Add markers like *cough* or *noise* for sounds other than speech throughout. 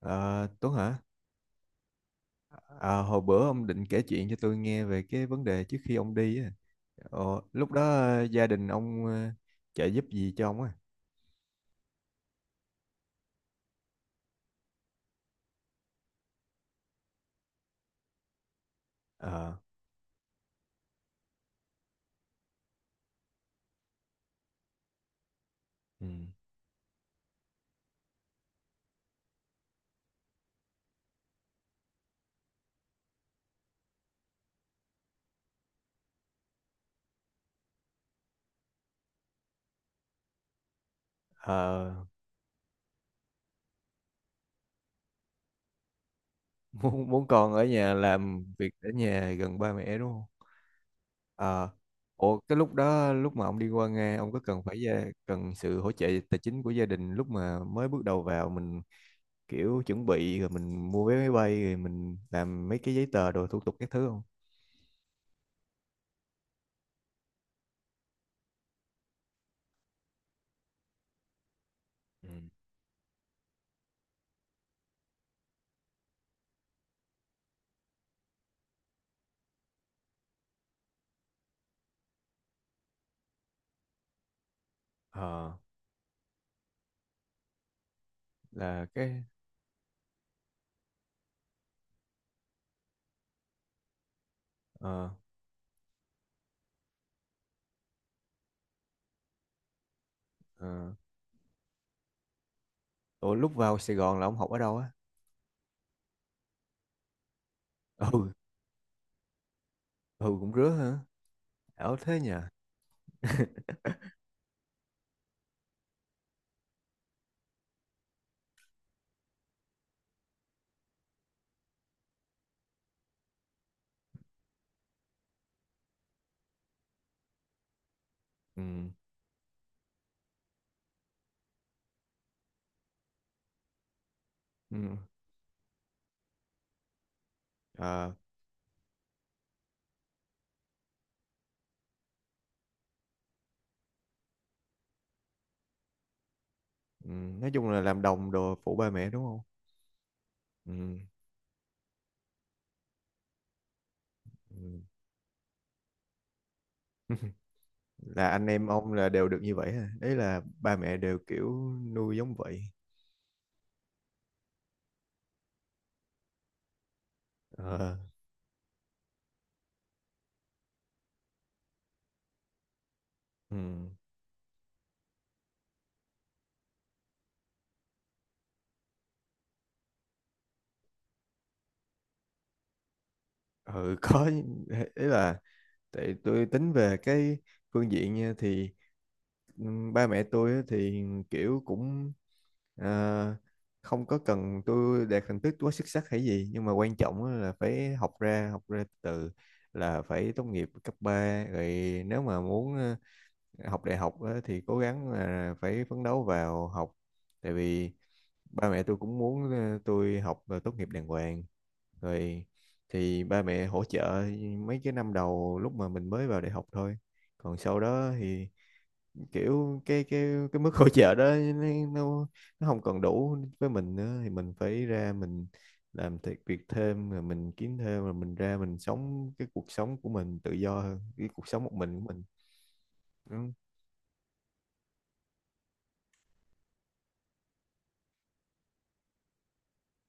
Ờ, Tuấn hả? À, hồi bữa ông định kể chuyện cho tôi nghe về cái vấn đề trước khi ông đi á. Lúc đó gia đình ông trợ giúp gì cho ông á? Ờ, ừ. Ờ, *laughs* muốn muốn con ở nhà làm việc ở nhà gần ba mẹ đúng không? Ờ, ủa cái lúc đó lúc mà ông đi qua Nga, ông có cần phải gia, cần sự hỗ trợ tài chính của gia đình lúc mà mới bước đầu vào, mình kiểu chuẩn bị rồi mình mua vé máy bay rồi mình làm mấy cái giấy tờ đồ thủ tục các thứ không? Ừ. Ờ. Là cái ờ ờ ủa, lúc vào Sài Gòn là ông học ở đâu á? *laughs* Ừ, ừ, cũng rứa hả? Ở thế nhỉ. *laughs* Ừ, ừ, à, ừ. Nói chung là làm đồng đồ phụ ba mẹ đúng không? Ừ, ừ. *laughs* Là anh em ông là đều được như vậy hả? Đấy là ba mẹ đều kiểu nuôi giống vậy? Ờ, ừ, ừ, có. Ấy là, tại tôi tính về cái phương diện nha, thì ba mẹ tôi á thì kiểu cũng, à, không có cần tôi đạt thành tích quá xuất sắc hay gì, nhưng mà quan trọng á là phải học ra từ, là phải tốt nghiệp cấp 3 rồi. Nếu mà muốn học đại học á thì cố gắng là phải phấn đấu vào học. Tại vì ba mẹ tôi cũng muốn tôi học và tốt nghiệp đàng hoàng rồi, thì ba mẹ hỗ trợ mấy cái năm đầu lúc mà mình mới vào đại học thôi, còn sau đó thì kiểu cái mức *laughs* hỗ trợ đó nó nó không còn đủ với mình nữa, thì mình phải ra, mình làm thiệt việc thêm rồi mình kiếm thêm rồi mình ra mình sống cái cuộc sống của mình tự do hơn cái cuộc sống một mình của mình. Ừ.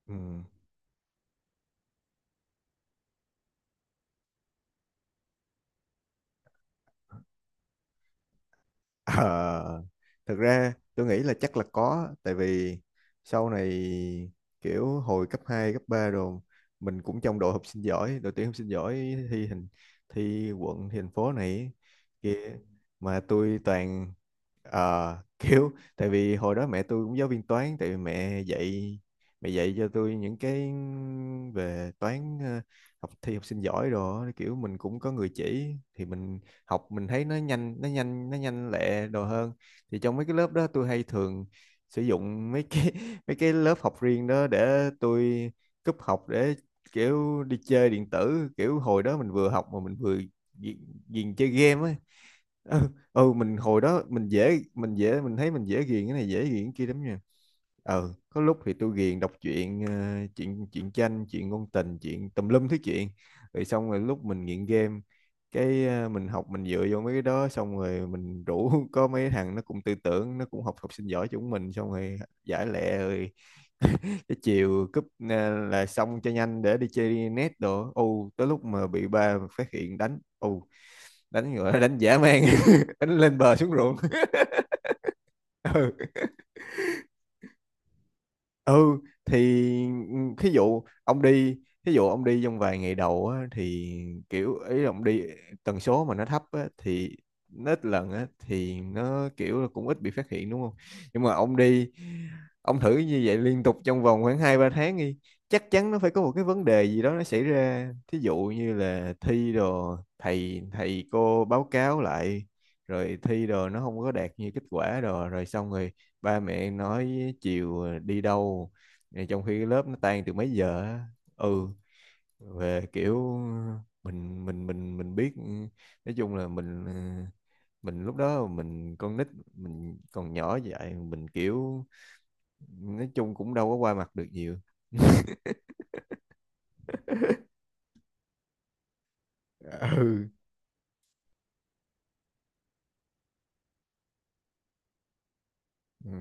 Ừ. Ờ, thật ra tôi nghĩ là chắc là có, tại vì sau này kiểu hồi cấp 2 cấp 3 rồi, mình cũng trong đội học sinh giỏi, đội tuyển học sinh giỏi, thi hình, thi quận, thi thành phố này kia mà tôi toàn *laughs* kiểu, tại vì hồi đó mẹ tôi cũng giáo viên toán, tại vì mẹ dạy cho tôi những cái về toán. Ờ, Học thi học sinh giỏi rồi á, kiểu mình cũng có người chỉ thì mình học, mình thấy nó nhanh lẹ đồ hơn. Thì trong mấy cái lớp đó tôi hay thường sử dụng mấy cái *laughs* mấy cái lớp học riêng đó để tôi cúp học, để kiểu đi chơi điện tử. Kiểu hồi đó mình vừa học mà mình vừa ghiền chơi game ấy. Ừ, ừ, mình hồi đó mình thấy mình dễ ghiền cái này, dễ ghiền cái kia lắm nha. Ừ, có lúc thì tôi ghiền đọc truyện chuyện chuyện tranh, chuyện ngôn tình, chuyện tùm lum thứ chuyện. Rồi xong rồi lúc mình nghiện game, cái à, mình học mình dựa vô mấy cái đó, xong rồi mình rủ *laughs* có mấy thằng nó cũng tư tưởng, nó cũng học học sinh giỏi chúng mình, xong rồi giải lẹ rồi cái chiều cúp à, là xong cho nhanh để đi chơi net đồ ô, tới lúc mà bị ba phát hiện đánh ô, đánh gọi là *laughs* đánh dã man, *laughs* đánh lên bờ xuống ruộng. *laughs* Ừ. Ừ thì ừ, thí dụ ông đi trong vài ngày đầu á, thì kiểu ấy ông đi tần số mà nó thấp á, thì nó ít lần á, thì nó kiểu là cũng ít bị phát hiện đúng không. Nhưng mà ông thử như vậy liên tục trong vòng khoảng hai ba tháng đi, chắc chắn nó phải có một cái vấn đề gì đó nó xảy ra, thí dụ như là thi đồ thầy thầy cô báo cáo lại, rồi thi đồ nó không có đạt như kết quả đồ, rồi xong rồi ba mẹ nói chiều à, đi đâu, Ờ, trong khi cái lớp nó tan từ mấy giờ á. Ừ, về kiểu mình biết ừ, nói chung là mình lúc đó, mình con nít, mình còn nhỏ vậy, mình kiểu nói chung cũng đâu có qua mặt được nhiều. *laughs* Ừ, ừ,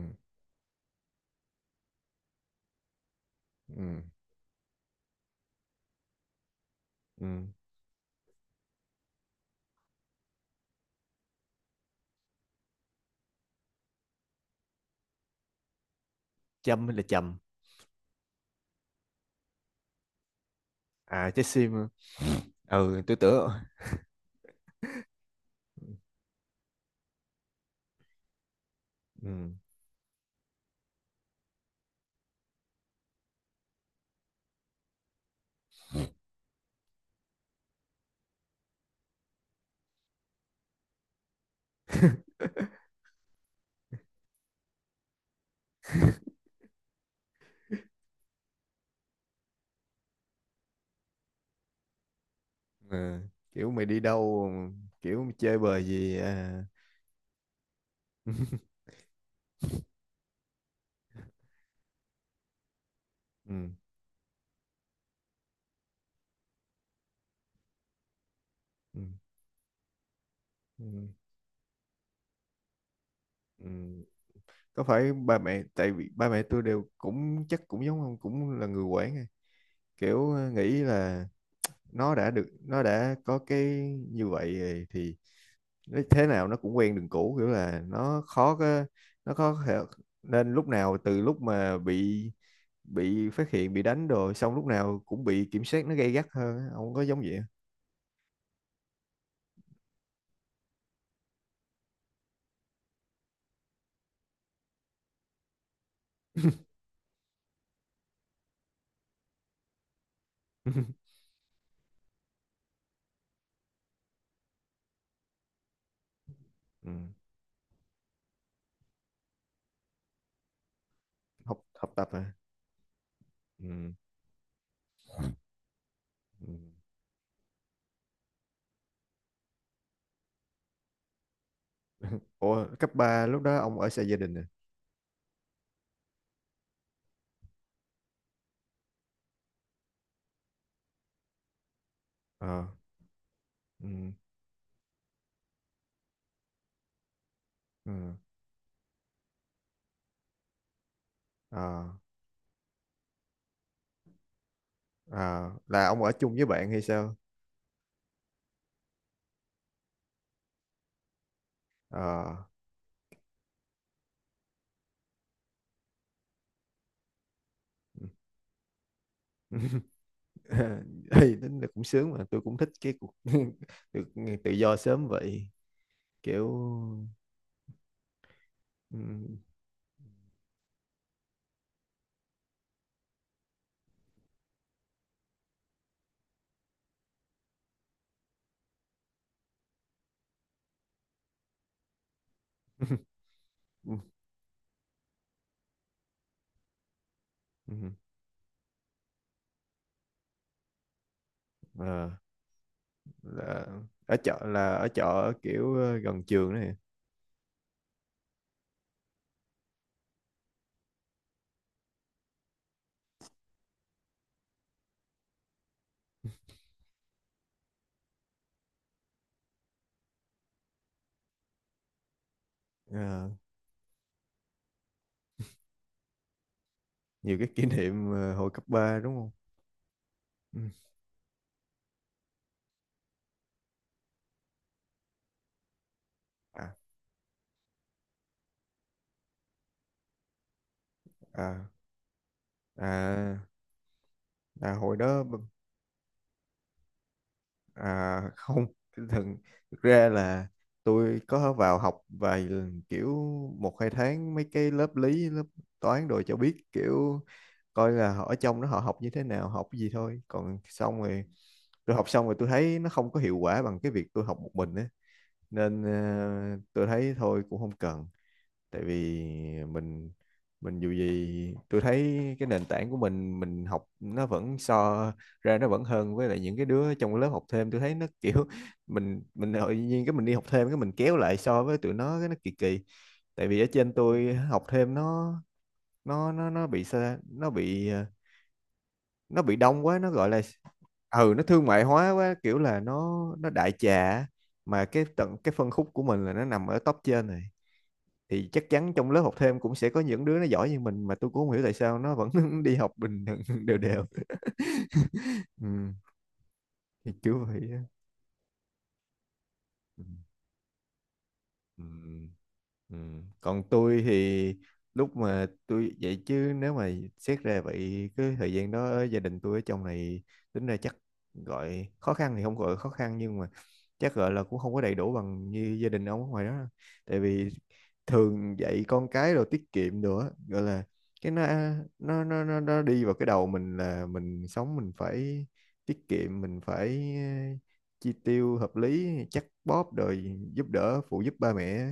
ừ, ừ. Chăm hay là chầm? À, trái sim hả? Ừ, tôi tưởng. Ừ. *laughs* Ờ, kiểu mày đi đâu, kiểu mày chơi bời gì à. *laughs* Ừ. Ừ, ừ, ừ. Có phải ba mẹ, tại vì ba mẹ tôi đều cũng chắc cũng giống ông, cũng là người quản à, kiểu nghĩ là nó đã được, nó đã có cái như vậy rồi thì nó thế nào nó cũng quen đường cũ, kiểu là nó khó có, nó khó thể- nên lúc nào, từ lúc mà bị phát hiện, bị đánh rồi xong, lúc nào cũng bị kiểm soát nó gay gắt hơn á. Ông có giống vậy không? *laughs* Ừ. học Học tập à. Ừ. Ừ. Ủa cấp 3 lúc đó ông ở xa gia đình à? Ờ. Ừ, ừ, ờ, ờ, là ông ở chung với bạn hay sao? Ờ. *laughs* Thì tính là cũng sướng, mà tôi cũng thích cái cuộc *laughs* được tự do sớm vậy kiểu. Ừ, *laughs* ừ, ừ, ờ, là ở chợ là ở chợ, kiểu gần trường này. Ờ, nhiều cái kỷ niệm hồi cấp 3 đúng không? Ừ. à, à, à, À, hồi đó. À, không, thường thực ra là tôi có vào học vài lần, kiểu một hai tháng mấy cái lớp lý, lớp toán đồ cho biết, kiểu coi là họ ở trong đó họ học như thế nào, học cái gì thôi, còn xong rồi tôi học xong rồi tôi thấy nó không có hiệu quả bằng cái việc tôi học một mình á, nên tôi thấy thôi cũng không cần. Tại vì mình dù gì tôi thấy cái nền tảng của mình học nó vẫn so ra nó vẫn hơn, với lại những cái đứa trong lớp học thêm tôi thấy nó *laughs* kiểu mình tự nhiên cái mình đi học thêm, cái mình kéo lại so với tụi nó, cái nó kỳ kỳ, tại vì ở trên tôi học thêm nó bị xa, nó bị đông quá, nó gọi là. Ừ, nó thương mại hóa quá, kiểu là nó đại trà á. Mà cái tận cái phân khúc của mình là nó nằm ở top trên rồi, thì chắc chắn trong lớp học thêm cũng sẽ có những đứa nó giỏi như mình, mà tôi cũng không hiểu tại sao nó vẫn *laughs* đi học bình thường *laughs* đều đều. Ừ, thì kiểu vậy á. Ừ. Ừ. Ừ. Còn tôi thì lúc mà tôi, vậy chứ nếu mà xét ra vậy, cái thời gian đó gia đình tôi ở trong này tính ra chắc, gọi khó khăn thì không gọi khó khăn, nhưng mà chắc gọi là cũng không có đầy đủ bằng như gia đình ông ở ngoài đó đâu. Tại vì thường dạy con cái rồi tiết kiệm nữa, gọi là cái nó, nó đi vào cái đầu mình là mình sống mình phải tiết kiệm, mình phải chi tiêu hợp lý, chắc bóp rồi giúp đỡ phụ giúp ba mẹ,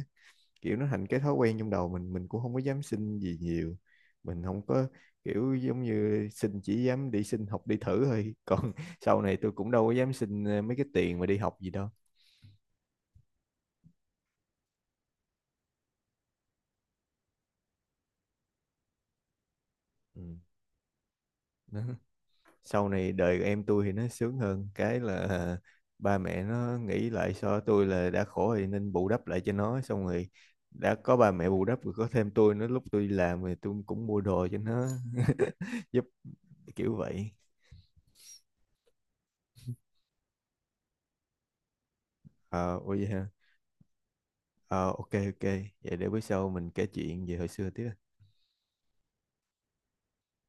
kiểu nó thành cái thói quen trong đầu mình cũng không có dám xin gì nhiều, mình không có kiểu giống như xin, chỉ dám đi xin học đi thử thôi, còn *laughs* sau này tôi cũng đâu có dám xin mấy cái tiền mà đi học gì đâu. Ừ. Đó. Sau này đời em tôi thì nó sướng hơn cái là ba mẹ nó nghĩ lại so tôi là đã khổ thì nên bù đắp lại cho nó, xong rồi đã có ba mẹ bù đắp rồi có thêm tôi nữa, lúc tôi đi làm thì tôi cũng mua đồ cho nó *laughs* giúp, kiểu vậy. Ờ, ôi vậy ha. Ờ, ok, ok, vậy để bữa sau mình kể chuyện về hồi xưa tiếp.